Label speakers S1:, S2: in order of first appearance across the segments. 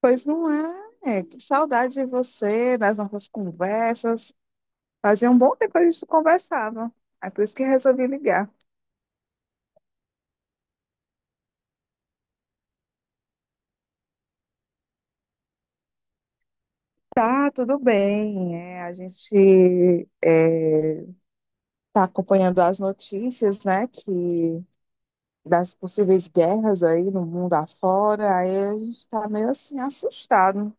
S1: Pois não é? É. Que saudade de você, das nossas conversas. Fazia um bom tempo que a gente não conversava. É por isso que resolvi ligar. Tá, tudo bem. A gente está acompanhando as notícias, né, que das possíveis guerras aí no mundo afora. Aí a gente está meio assim assustado.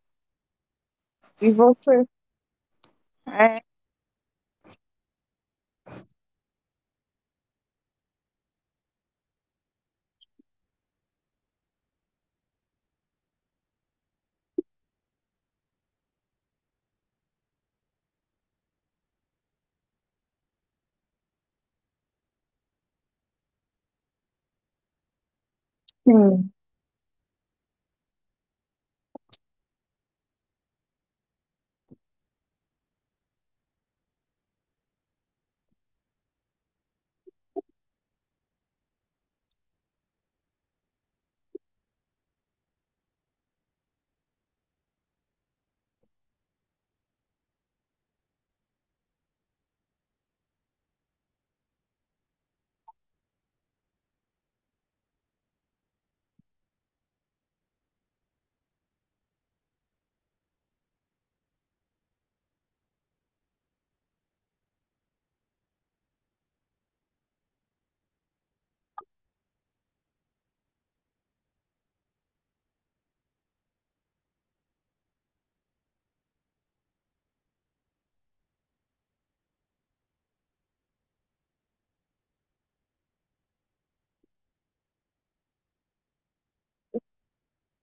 S1: E você? É, sim,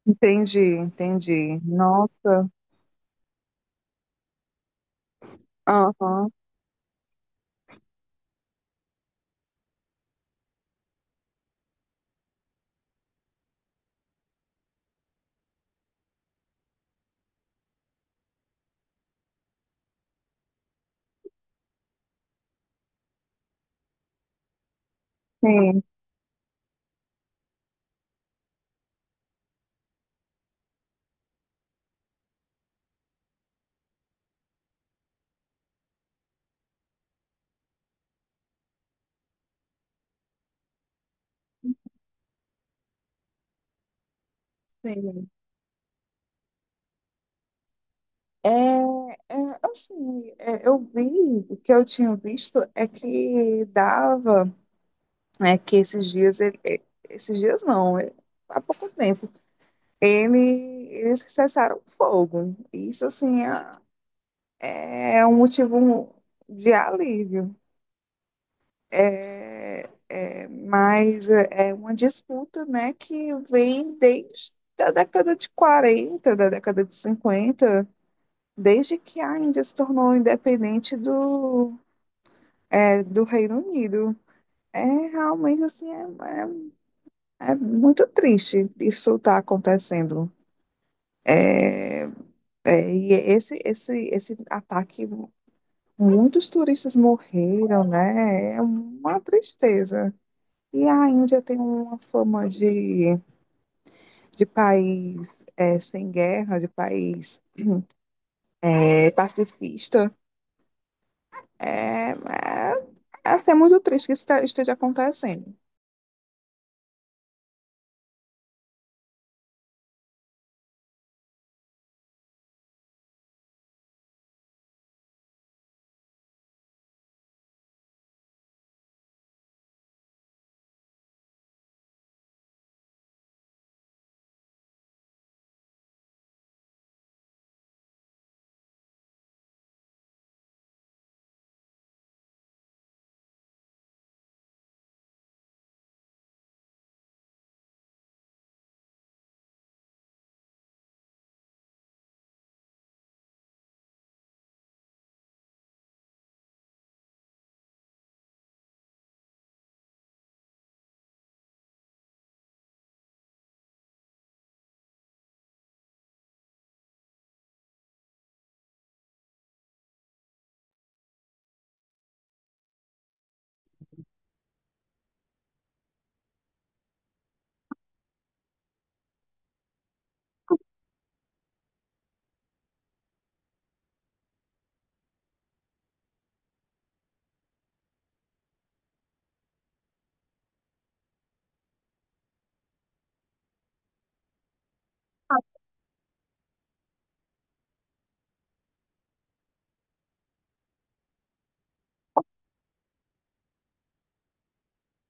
S1: entendi, entendi. Nossa, aham, sim, sim. É, é, assim, eu vi, o que eu tinha visto é que dava, é que esses dias, esses dias não, há pouco tempo, ele, eles cessaram o fogo. Isso, assim, é um motivo de alívio. É, mas é uma disputa, né, que vem desde a década de 40 da década de 50, desde que a Índia se tornou independente do Reino Unido. É realmente assim, é muito triste isso estar acontecendo. É, e esse ataque, muitos turistas morreram, né? É uma tristeza. E a Índia tem uma fama de, país, sem guerra, de país, pacifista. É, é, assim, é muito triste que isso esteja acontecendo.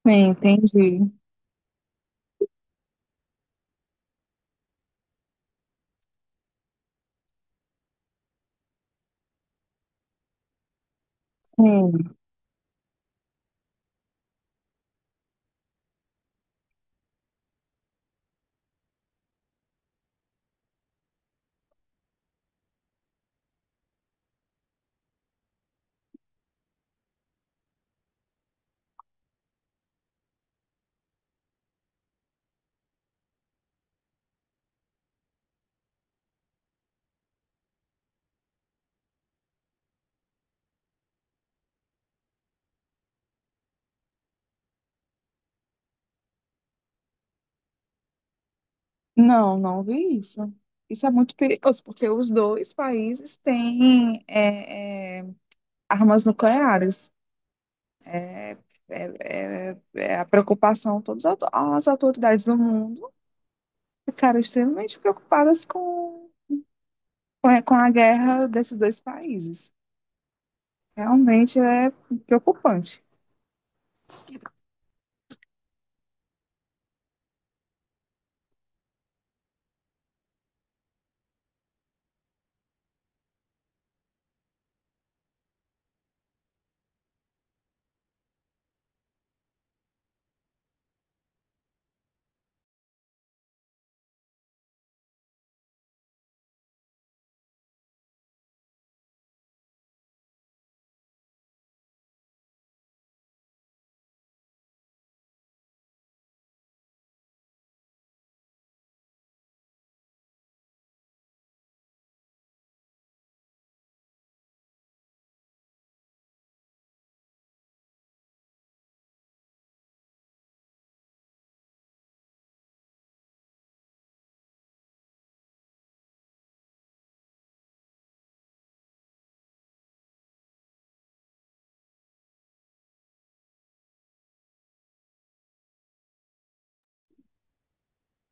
S1: Sim, entendi. Sim. Não, não vi isso. Isso é muito perigoso, porque os dois países têm, armas nucleares. É, é a preocupação. Todas as autoridades do mundo ficaram extremamente preocupadas com a guerra desses dois países. Realmente é preocupante.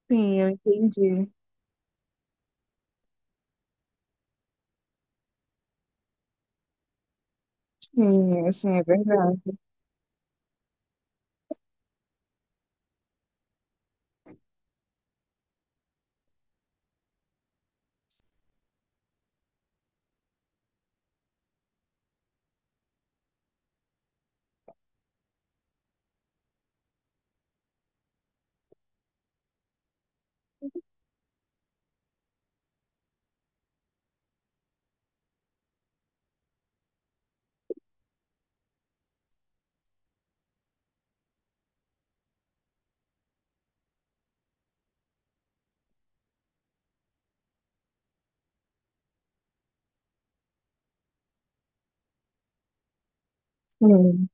S1: Sim, eu entendi. Sim, assim, é verdade. Sim.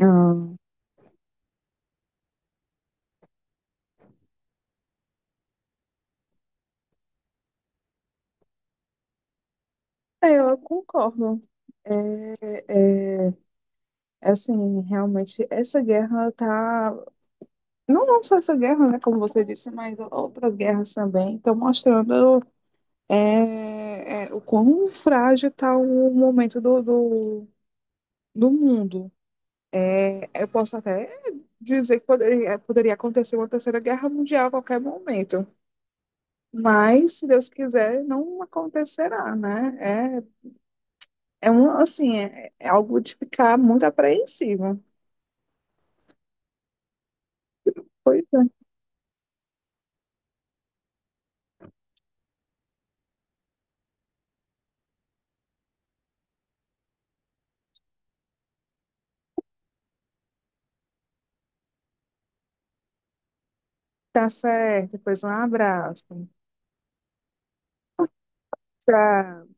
S1: Ah, é, eu concordo. É, assim, realmente, essa guerra tá não, não só essa guerra, né, como você disse, mas outras guerras também estão mostrando, o quão frágil está o momento do mundo. Eu posso até dizer que poderia acontecer uma terceira guerra mundial a qualquer momento, mas se Deus quiser, não acontecerá, né? Assim, é algo de ficar muito apreensivo. Pois é, tá certo. Pois um abraço. Tchau.